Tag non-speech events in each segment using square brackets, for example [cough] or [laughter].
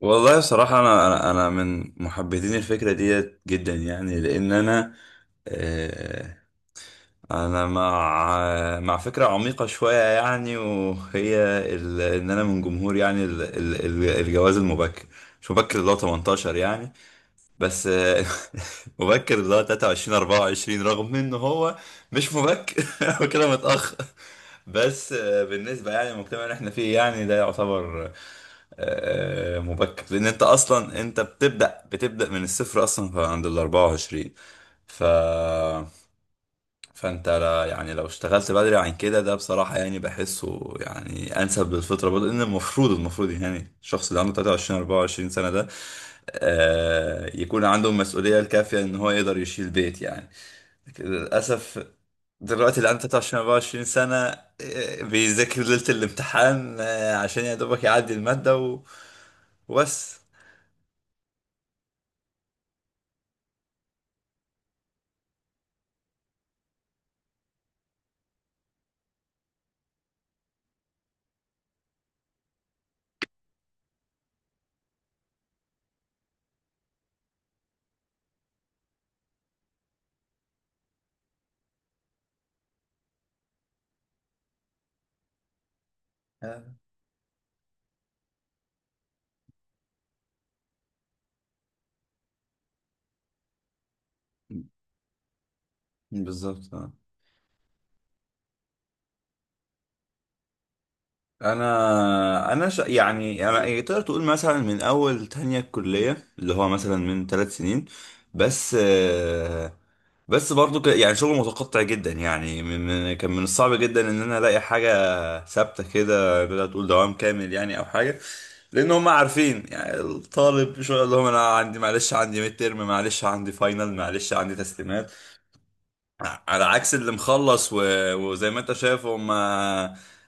والله بصراحة، أنا من محبذين الفكرة ديت جدا يعني، لأن آه، أنا مع فكرة عميقة شوية يعني، وهي إن أنا من جمهور يعني الجواز المبكر، مش مبكر اللي هو 18 يعني. بس [laughs] مبكر اللي هو 23 24، رغم انه هو مش مبكر [laughs] هو كده متأخر. بس بالنسبة يعني للمجتمع اللي احنا فيه، يعني ده يعتبر مبكر، لان انت اصلا انت بتبدأ من الصفر اصلا عند ال 24. ف فانت يعني لو اشتغلت بدري عن كده، ده بصراحة يعني بحسه يعني انسب للفطرة برضه، لان المفروض يعني الشخص اللي عنده 23 24 سنة ده، يكون عنده المسؤولية الكافية ان هو يقدر يشيل بيت يعني. لكن للأسف، دلوقتي اللي عنده 23 24 سنة بيذاكر ليلة الامتحان عشان يا دوبك يعدي المادة وبس. آه، بالظبط. يعني انا تقدر تقول مثلا من اول تانية الكلية، اللي هو مثلا من ثلاث سنين، بس آه، بس برضو، يعني شغل متقطع جدا يعني، كان من الصعب جدا ان انا الاقي حاجة ثابتة كده تقدر تقول دوام كامل يعني، او حاجة. لان هم عارفين يعني الطالب، شو اللي هم. انا عندي، معلش عندي ميد ترم، معلش عندي فاينل، معلش عندي تسليمات، على عكس اللي مخلص وزي ما انت شايف هم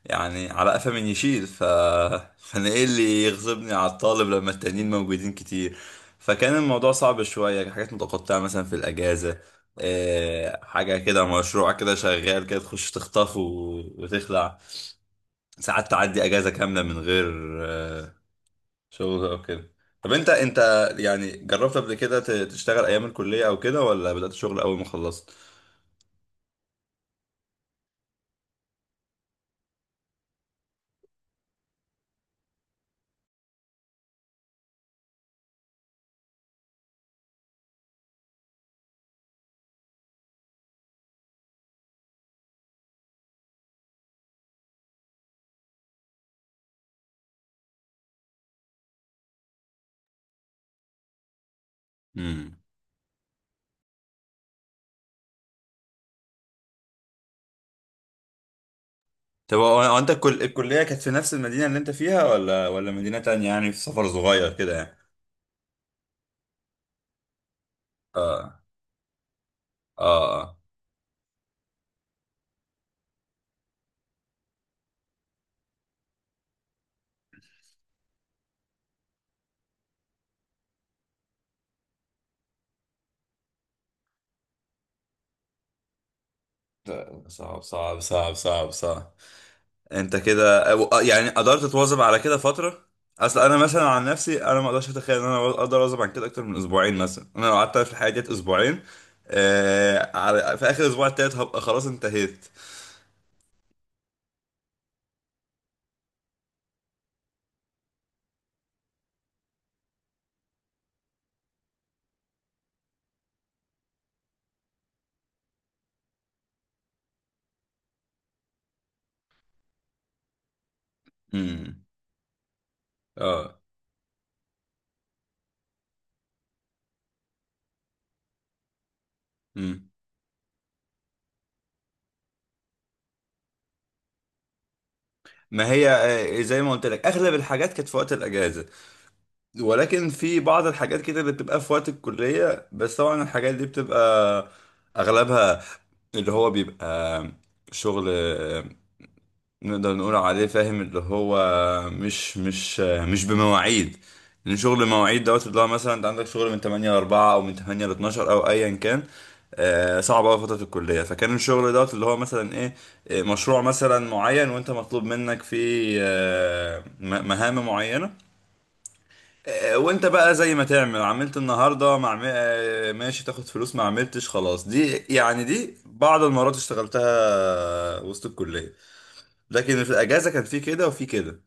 يعني على قفا من يشيل. فانا ايه اللي يغضبني على الطالب لما التانيين موجودين كتير. فكان الموضوع صعب شوية، حاجات متقطعة مثلا في الأجازة، إيه حاجة كده، مشروع كده، شغال كده، تخش تخطف وتخلع. ساعات تعدي أجازة كاملة من غير آه، شغل أو كده. طب، انت يعني جربت قبل كده تشتغل أيام الكلية أو كده، ولا بدأت شغل أول ما خلصت؟ طب، هو هو انت الكلية كانت في نفس المدينة اللي انت فيها، ولا مدينة تانية، يعني في سفر صغير كده يعني. اه، اه، اه. ده صعب صعب صعب صعب صعب. انت كده، يعني قدرت تواظب على كده فترة؟ اصل انا مثلا عن نفسي، انا ما اقدرش اتخيل ان انا اقدر اواظب عن كده اكتر من اسبوعين مثلا. انا لو قعدت في الحياة ديت اسبوعين، في اخر اسبوع التالت هبقى خلاص انتهيت. امم. اه. امم. ما هي زي ما قلت لك، اغلب الحاجات كانت في وقت الاجازة، ولكن في بعض الحاجات كده اللي بتبقى في وقت الكلية، بس طبعا الحاجات دي بتبقى أغلبها، اللي هو بيبقى شغل نقدر نقول عليه، فاهم، اللي هو مش بمواعيد، لأن شغل مواعيد دوت، اللي هو مثلا أنت عندك شغل من 8 ل 4 أو من 8 ل 12 أو أيا كان، صعب أوي فترة الكلية، فكان الشغل دوت اللي هو مثلا إيه، مشروع مثلا معين وأنت مطلوب منك فيه مهام معينة، وانت بقى زي ما تعمل، عملت النهارده مع، ماشي، تاخد فلوس، ما عملتش خلاص. دي يعني دي بعض المرات اشتغلتها وسط الكليه، لكن في الاجازه كان في كده وفي كده.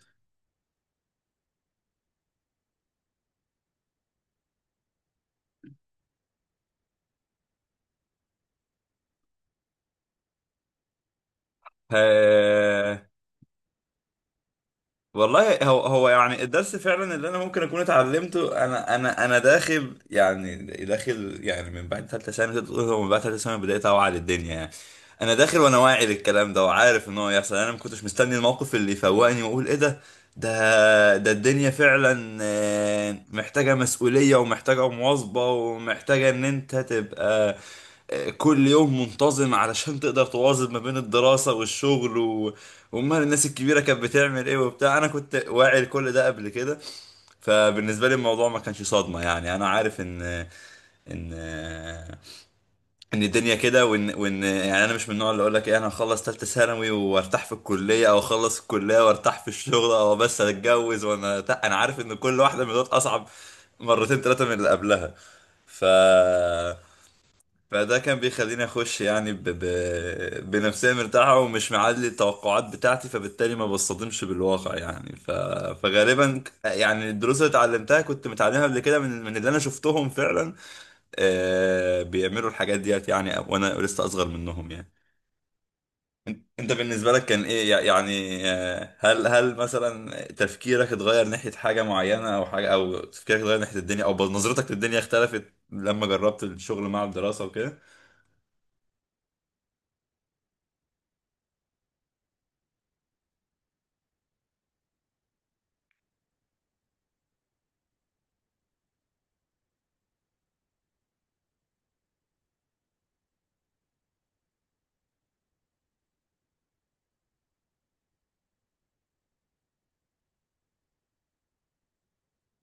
ها، والله، هو هو يعني الدرس فعلا اللي انا ممكن اكون اتعلمته. انا داخل يعني، داخل يعني، من بعد ثالثه ثانوي تقدر تقول، هو من بعد ثالثه ثانوي بدات اوعى للدنيا يعني. انا داخل وانا واعي للكلام ده، وعارف ان هو يحصل، انا ما كنتش مستني الموقف اللي يفوقني واقول ايه ده. ده الدنيا فعلا محتاجه مسؤوليه ومحتاجه مواظبه ومحتاجه ان انت تبقى كل يوم منتظم علشان تقدر تواظب ما بين الدراسة والشغل، وأمال الناس الكبيرة كانت بتعمل إيه وبتاع. أنا كنت واعي لكل ده قبل كده، فبالنسبة لي الموضوع ما كانش صدمة يعني. أنا عارف إن إن الدنيا كده، وإن يعني أنا مش من النوع اللي أقول لك إيه، أنا هخلص تالتة ثانوي وأرتاح في الكلية، أو أخلص الكلية وأرتاح في الشغل، أو بس أتجوز وأنا أرتاح. أنا عارف إن كل واحدة من دول أصعب مرتين ثلاثة من اللي قبلها. ف فده كان بيخليني اخش يعني بنفسيه مرتاحه ومش معلي التوقعات بتاعتي، فبالتالي ما بصطدمش بالواقع يعني. فغالبا، يعني الدروس اللي اتعلمتها كنت متعلمها قبل كده من من اللي انا شفتهم فعلا، بيعملوا الحاجات ديت يعني وانا لسه اصغر منهم يعني. انت بالنسبه لك كان ايه يعني، هل مثلا تفكيرك اتغير ناحيه حاجه معينه، او حاجه، او تفكيرك اتغير ناحيه الدنيا، او نظرتك للدنيا اختلفت لما جربت الشغل مع الدراسه؟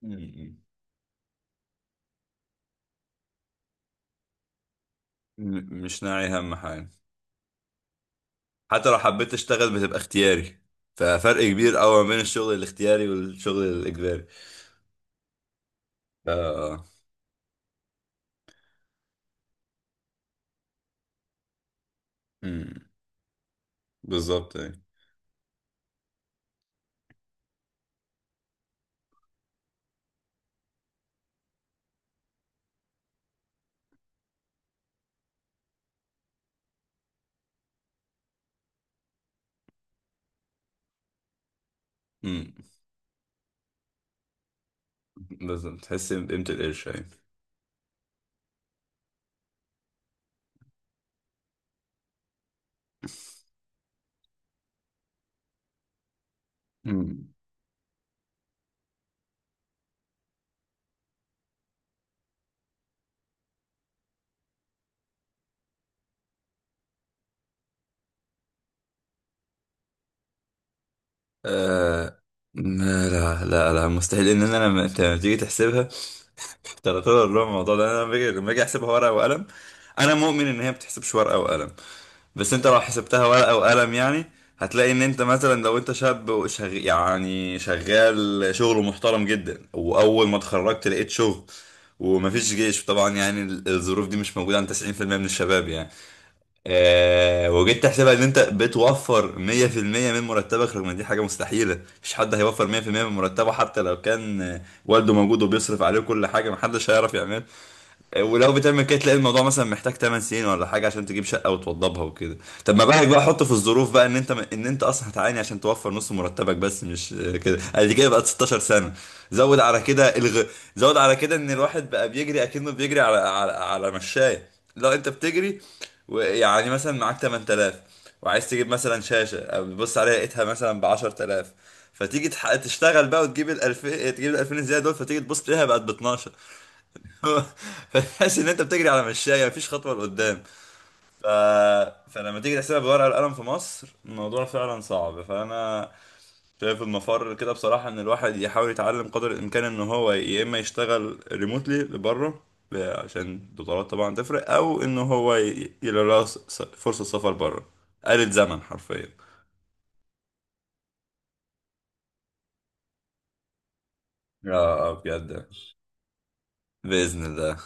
وكده. مش ناعي هم حاجة، حتى لو حبيت اشتغل بتبقى اختياري، ففرق كبير قوي ما بين الشغل الاختياري والشغل الاجباري. ف مم. بالظبط يعني. مم. بالظبط، تحس بقيمة القرش يعني. مم. آه... لا، لا، لا، لا، مستحيل. ان انا لما أنت لما تيجي تحسبها، ترى طول الرعب الموضوع ده، انا لما باجي احسبها ورقه وقلم. انا مؤمن ان هي ما بتحسبش ورقه وقلم، بس انت لو حسبتها ورقة وقلم يعني، هتلاقي ان انت مثلا، لو انت شاب يعني شغال شغل محترم جدا، واول ما اتخرجت لقيت شغل، ومفيش جيش طبعا، يعني الظروف دي مش موجودة عند 90% من الشباب يعني. وجيت تحسبها ان انت بتوفر 100% من مرتبك، رغم ان دي حاجة مستحيلة، مفيش حد هيوفر 100% من مرتبه، حتى لو كان والده موجود وبيصرف عليه كل حاجة، محدش هيعرف. ولو بتعمل كده، تلاقي الموضوع مثلا محتاج 8 سنين ولا حاجه عشان تجيب شقه وتوضبها وكده. طب ما بالك بقى، حط في الظروف بقى ان انت اصلا هتعاني عشان توفر نص مرتبك بس، مش كده. ادي كده بقت 16 سنه. زود على كده الغ... زود على كده، ان الواحد بقى بيجري اكنه بيجري على مشاية. لو انت بتجري، ويعني مثلا معاك 8000، وعايز تجيب مثلا شاشه، أو بتبص عليها لقيتها مثلا ب 10000، فتيجي تشتغل بقى وتجيب ال 2000، تجيب ال 2000 زياده دول، فتيجي تبص تلاقيها بقت ب 12. [laughs] فتحس ان انت بتجري على مشاية، مفيش خطوة لقدام. ف... فلما تيجي تحسبها بورقة القلم في مصر، الموضوع فعلا صعب. فانا شايف المفر كده بصراحة، ان الواحد يحاول يتعلم قدر الامكان، ان هو يا اما يشتغل ريموتلي لبره عشان الدولارات طبعا تفرق، او ان هو يلاقي له فرصة سفر بره. آلة زمن حرفيا. اه، بجد. بإذن الله.